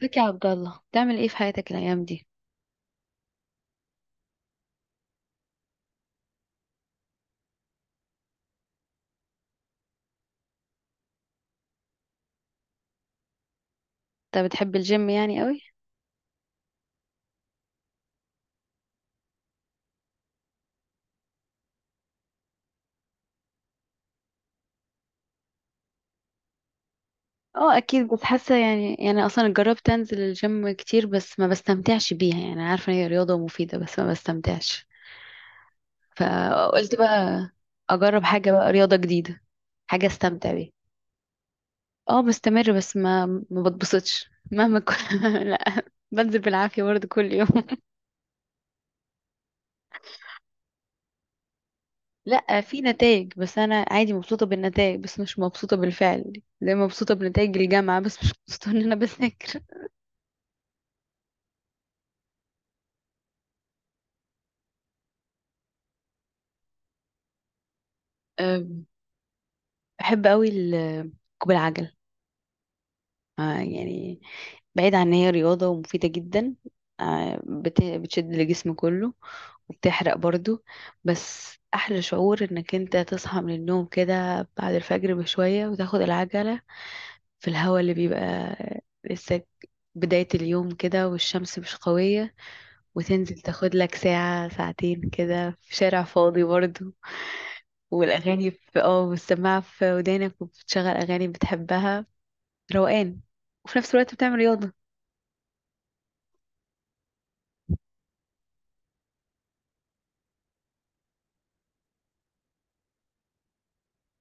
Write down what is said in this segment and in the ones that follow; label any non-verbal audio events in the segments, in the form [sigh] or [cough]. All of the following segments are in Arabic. ازيك يا عبد الله، بتعمل ايه في حياتك الايام دي؟ انت بتحب الجيم يعني قوي؟ اه، اكيد، بس حاسه يعني اصلا جربت انزل الجيم كتير بس ما بستمتعش بيها، يعني عارفه ان هي رياضه مفيده بس ما بستمتعش. فقلت بقى اجرب حاجه بقى، رياضه جديده، حاجه استمتع بيها. اه بستمر، بس ما بتبسطش مهما كنت. [laughs] لا، بنزل بالعافيه برضه كل يوم. [laughs] لا، في نتائج، بس انا عادي مبسوطه بالنتائج بس مش مبسوطه بالفعل، زي ما مبسوطه بنتائج الجامعه بس مش مبسوطه ان انا بذاكر. أم، بحب قوي ركوب العجل، يعني بعيد عن ان هي رياضة ومفيدة جدا. بتشد الجسم كله وبتحرق برضو. بس احلى شعور انك انت تصحى من النوم كده بعد الفجر بشوية وتاخد العجلة في الهواء اللي بيبقى لسه بداية اليوم كده، والشمس مش قوية، وتنزل تاخد لك ساعة ساعتين كده في شارع فاضي برضو. والأغاني في والسماعة في ودانك وبتشغل أغاني بتحبها، روقان، وفي نفس الوقت بتعمل رياضة.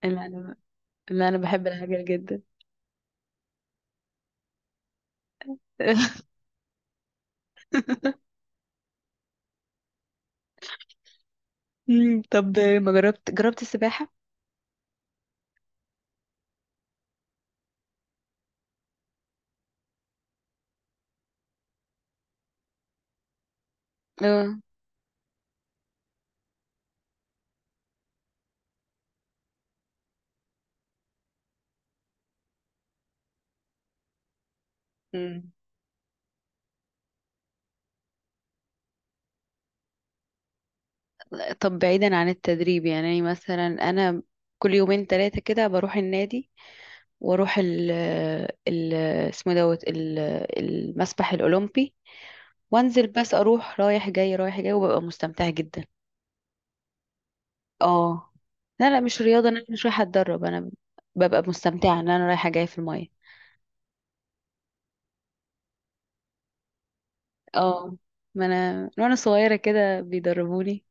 انا انا انا أنا بحب العجل جدا. [laughs] طب ما جربت السباحة؟ اه. مم. طب بعيدا عن التدريب، يعني مثلا انا كل يومين ثلاثة كده بروح النادي واروح ال، اسمه دوت المسبح الاولمبي، وانزل، بس اروح رايح جاي رايح جاي وببقى مستمتعة جدا. اه، لا لا، مش رياضة، انا مش رايحة اتدرب، انا ببقى مستمتعة ان انا رايحة جاية في المية. اه، ما انا من وانا صغيرة كده بيدربوني،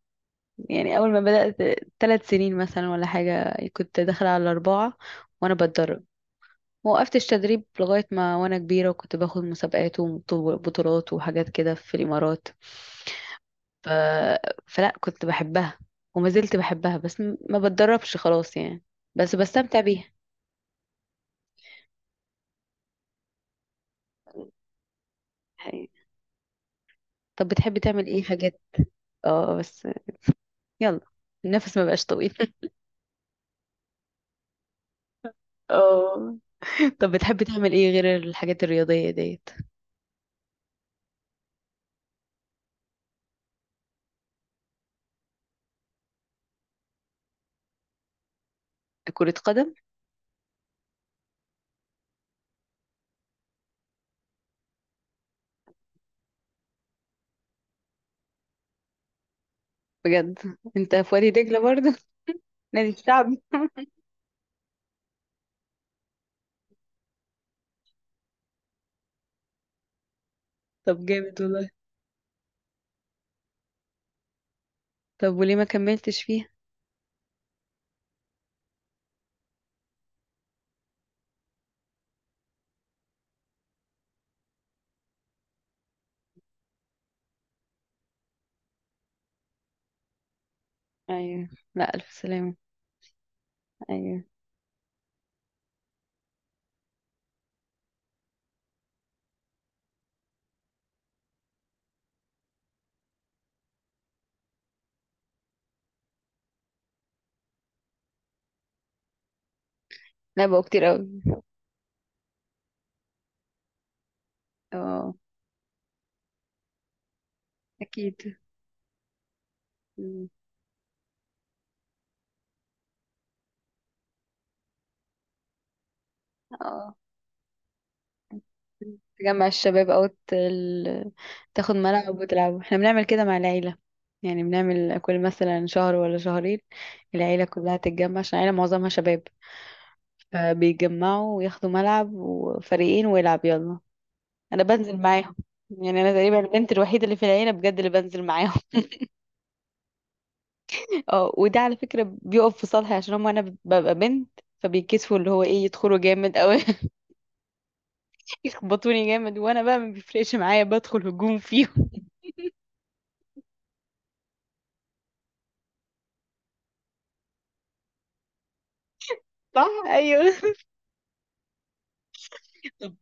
يعني اول ما بدأت 3 سنين مثلا ولا حاجة، كنت داخلة على الاربعة وانا بتدرب. وقفتش تدريب لغاية ما وانا كبيرة، وكنت باخد مسابقات وبطولات وحاجات كده في الامارات. ف... فلا كنت بحبها وما زلت بحبها، بس ما بتدربش خلاص يعني، بس بستمتع بيها. يعني طب بتحبي تعمل ايه حاجات؟ اه بس، يلا، النفس ما بقاش طويل. [laughs] اه، طب بتحب تعمل ايه غير الحاجات الرياضية ديت؟ كرة قدم؟ بجد؟ انت في وادي دجلة برضه؟ [laughs] نادي الشعبي. طب جامد والله. طب وليه ما كملتش فيها؟ ايوه. لا، الف سلامة. ايوه. لا، بقوا كتير قوي. اه. اكيد. مم. اه، تجمع الشباب او تاخد ملعب وتلعبوا، احنا بنعمل كده مع العيلة، يعني بنعمل كل مثلا شهر ولا شهرين العيلة كلها تتجمع، عشان العيلة معظمها شباب، فبيتجمعوا وياخدوا ملعب وفريقين ويلعب، يلا انا بنزل معاهم. يعني انا تقريبا البنت الوحيده اللي في العيله بجد اللي بنزل معاهم. [laughs] اه، وده على فكره بيقف في صالحي، عشان هم انا ببقى بنت، فبيكسفوا اللي هو ايه يدخلوا جامد او [laughs] يخبطوني جامد، وانا بقى ما بيفرقش معايا، بدخل هجوم فيهم. [laughs] صح، ايوه. طب،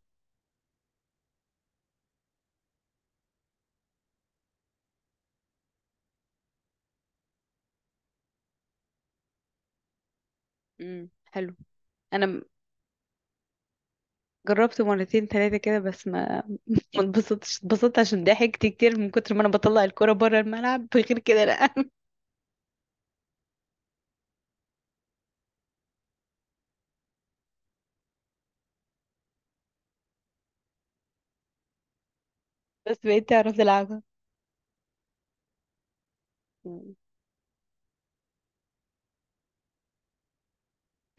امم، حلو. انا م- جربت مرتين ثلاثه كده، بس ما اتبسطتش. اتبسطت عشان ضحكت كتير من كتر ما انا بطلع الكوره بره الملعب، [laughs] غير كده لا. [laughs] بس بقيت اعرف العبها. مم.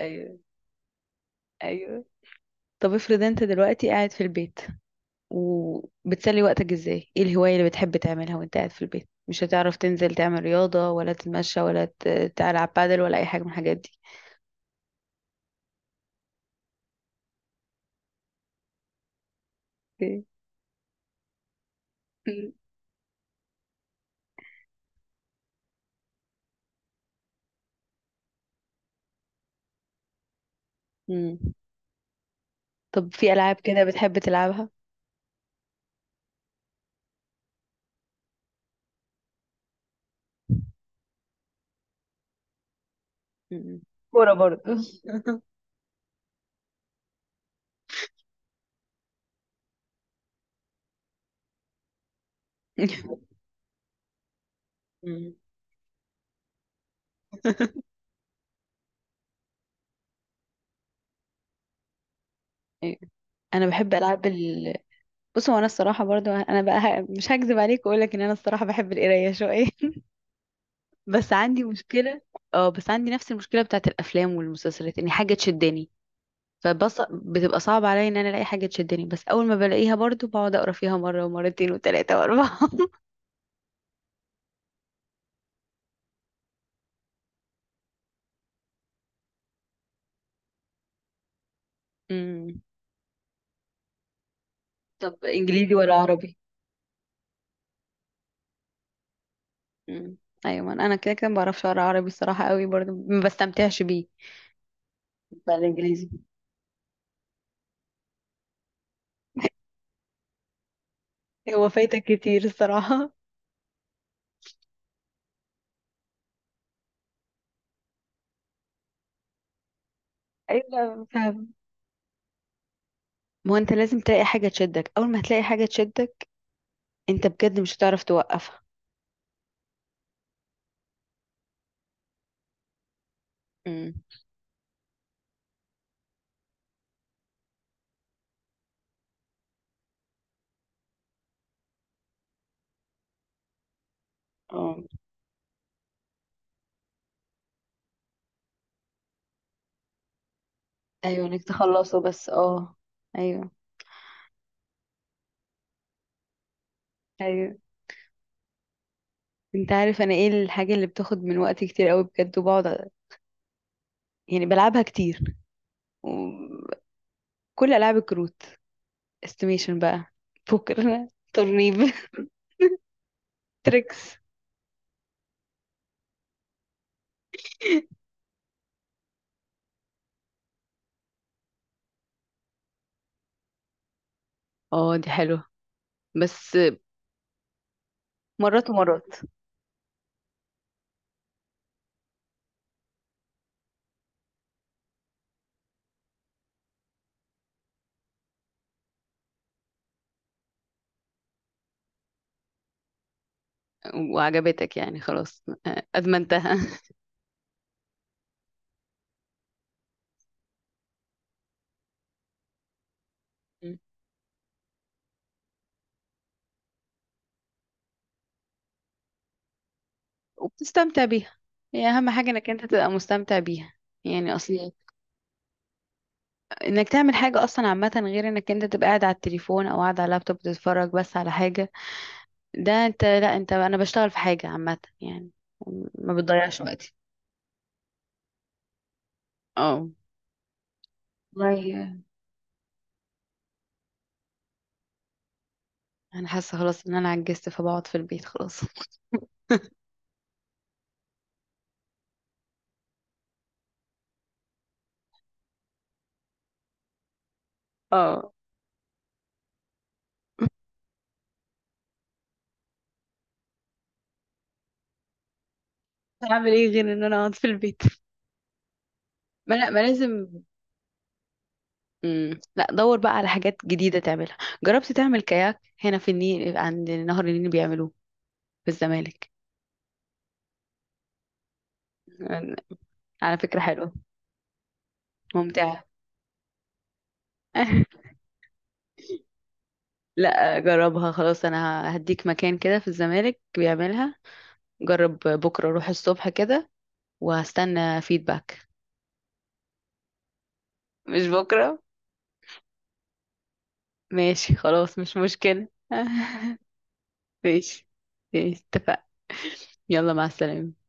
ايوه، ايوه. طب افرض انت دلوقتي قاعد في البيت وبتسلي وقتك ازاي، ايه الهواية اللي بتحب تعملها وانت قاعد في البيت مش هتعرف تنزل تعمل رياضة ولا تتمشى ولا تلعب بادل ولا اي حاجة من الحاجات دي؟ [laughs] اوكي. مم. مم. طب في ألعاب كده بتحب تلعبها؟ مم. كورة برضه؟ [laughs] مم. أيوة. انا بحب العاب بص، هو انا الصراحه برضو انا بقى مش هكذب عليك واقول لك ان انا الصراحه بحب القرايه شويه. [laughs] بس عندي مشكله. اه، بس عندي نفس المشكله بتاعت الافلام والمسلسلات، ان حاجه تشدني، فبص بتبقى صعب عليا ان انا الاقي حاجه تشدني، بس اول ما بلاقيها برضو بقعد اقرا فيها مره ومرتين وثلاثه واربعه. [laughs] امم. طب انجليزي ولا عربي؟ امم، ايوه، ما أنا كده كده ما بعرفش اقرا عربي الصراحه، قوي برضو ما بستمتعش بيه. ولا انجليزي. هو فايتك كتير الصراحه. [laughs] ايوه، فاهم. ما هو انت لازم تلاقي حاجه تشدك، اول ما هتلاقي حاجه تشدك انت بجد مش هتعرف توقفها. امم. اه، ايوه، انك تخلصه، بس اه. ايوه، ايوه. انت عارف انا ايه الحاجه اللي بتاخد من وقتي كتير قوي بجد وبقعد، يعني بلعبها كتير، وكل ألعاب الكروت، استيميشن بقى، بوكر، ترنيب، [laughs] تريكس. اه دي حلوة. بس مرات ومرات. وعجبتك يعني خلاص، أدمنتها. [laughs] وبتستمتع بيها، هي أهم حاجة إنك أنت تبقى مستمتع بيها، يعني أصلي، إنك تعمل حاجة أصلا عامة، غير إنك أنت تبقى قاعد على التليفون أو قاعد على اللابتوب بتتفرج بس على حاجة، ده أنت لا، أنت أنا بشتغل في حاجة عامة يعني، ما بتضيعش وقتي. اه. والله انا حاسه خلاص ان انا عجزت فبقعد في البيت خلاص. [laughs] اه، هعمل ايه غير ان انا اقعد في البيت؟ ما لا، ما لازم. مم. لا، دور بقى على حاجات جديده تعملها. جربت تعمل كاياك هنا في النيل؟ عند نهر النيل بيعملوه في الزمالك. على فكره حلوه، ممتعه. [laughs] لا جربها، خلاص انا هديك مكان كده في الزمالك بيعملها، جرب بكره روح الصبح كده، وهستنى فيدباك. مش بكره. ماشي خلاص، مش مشكله. [laughs] ماشي. ماشي، اتفقنا. يلا، مع السلامة.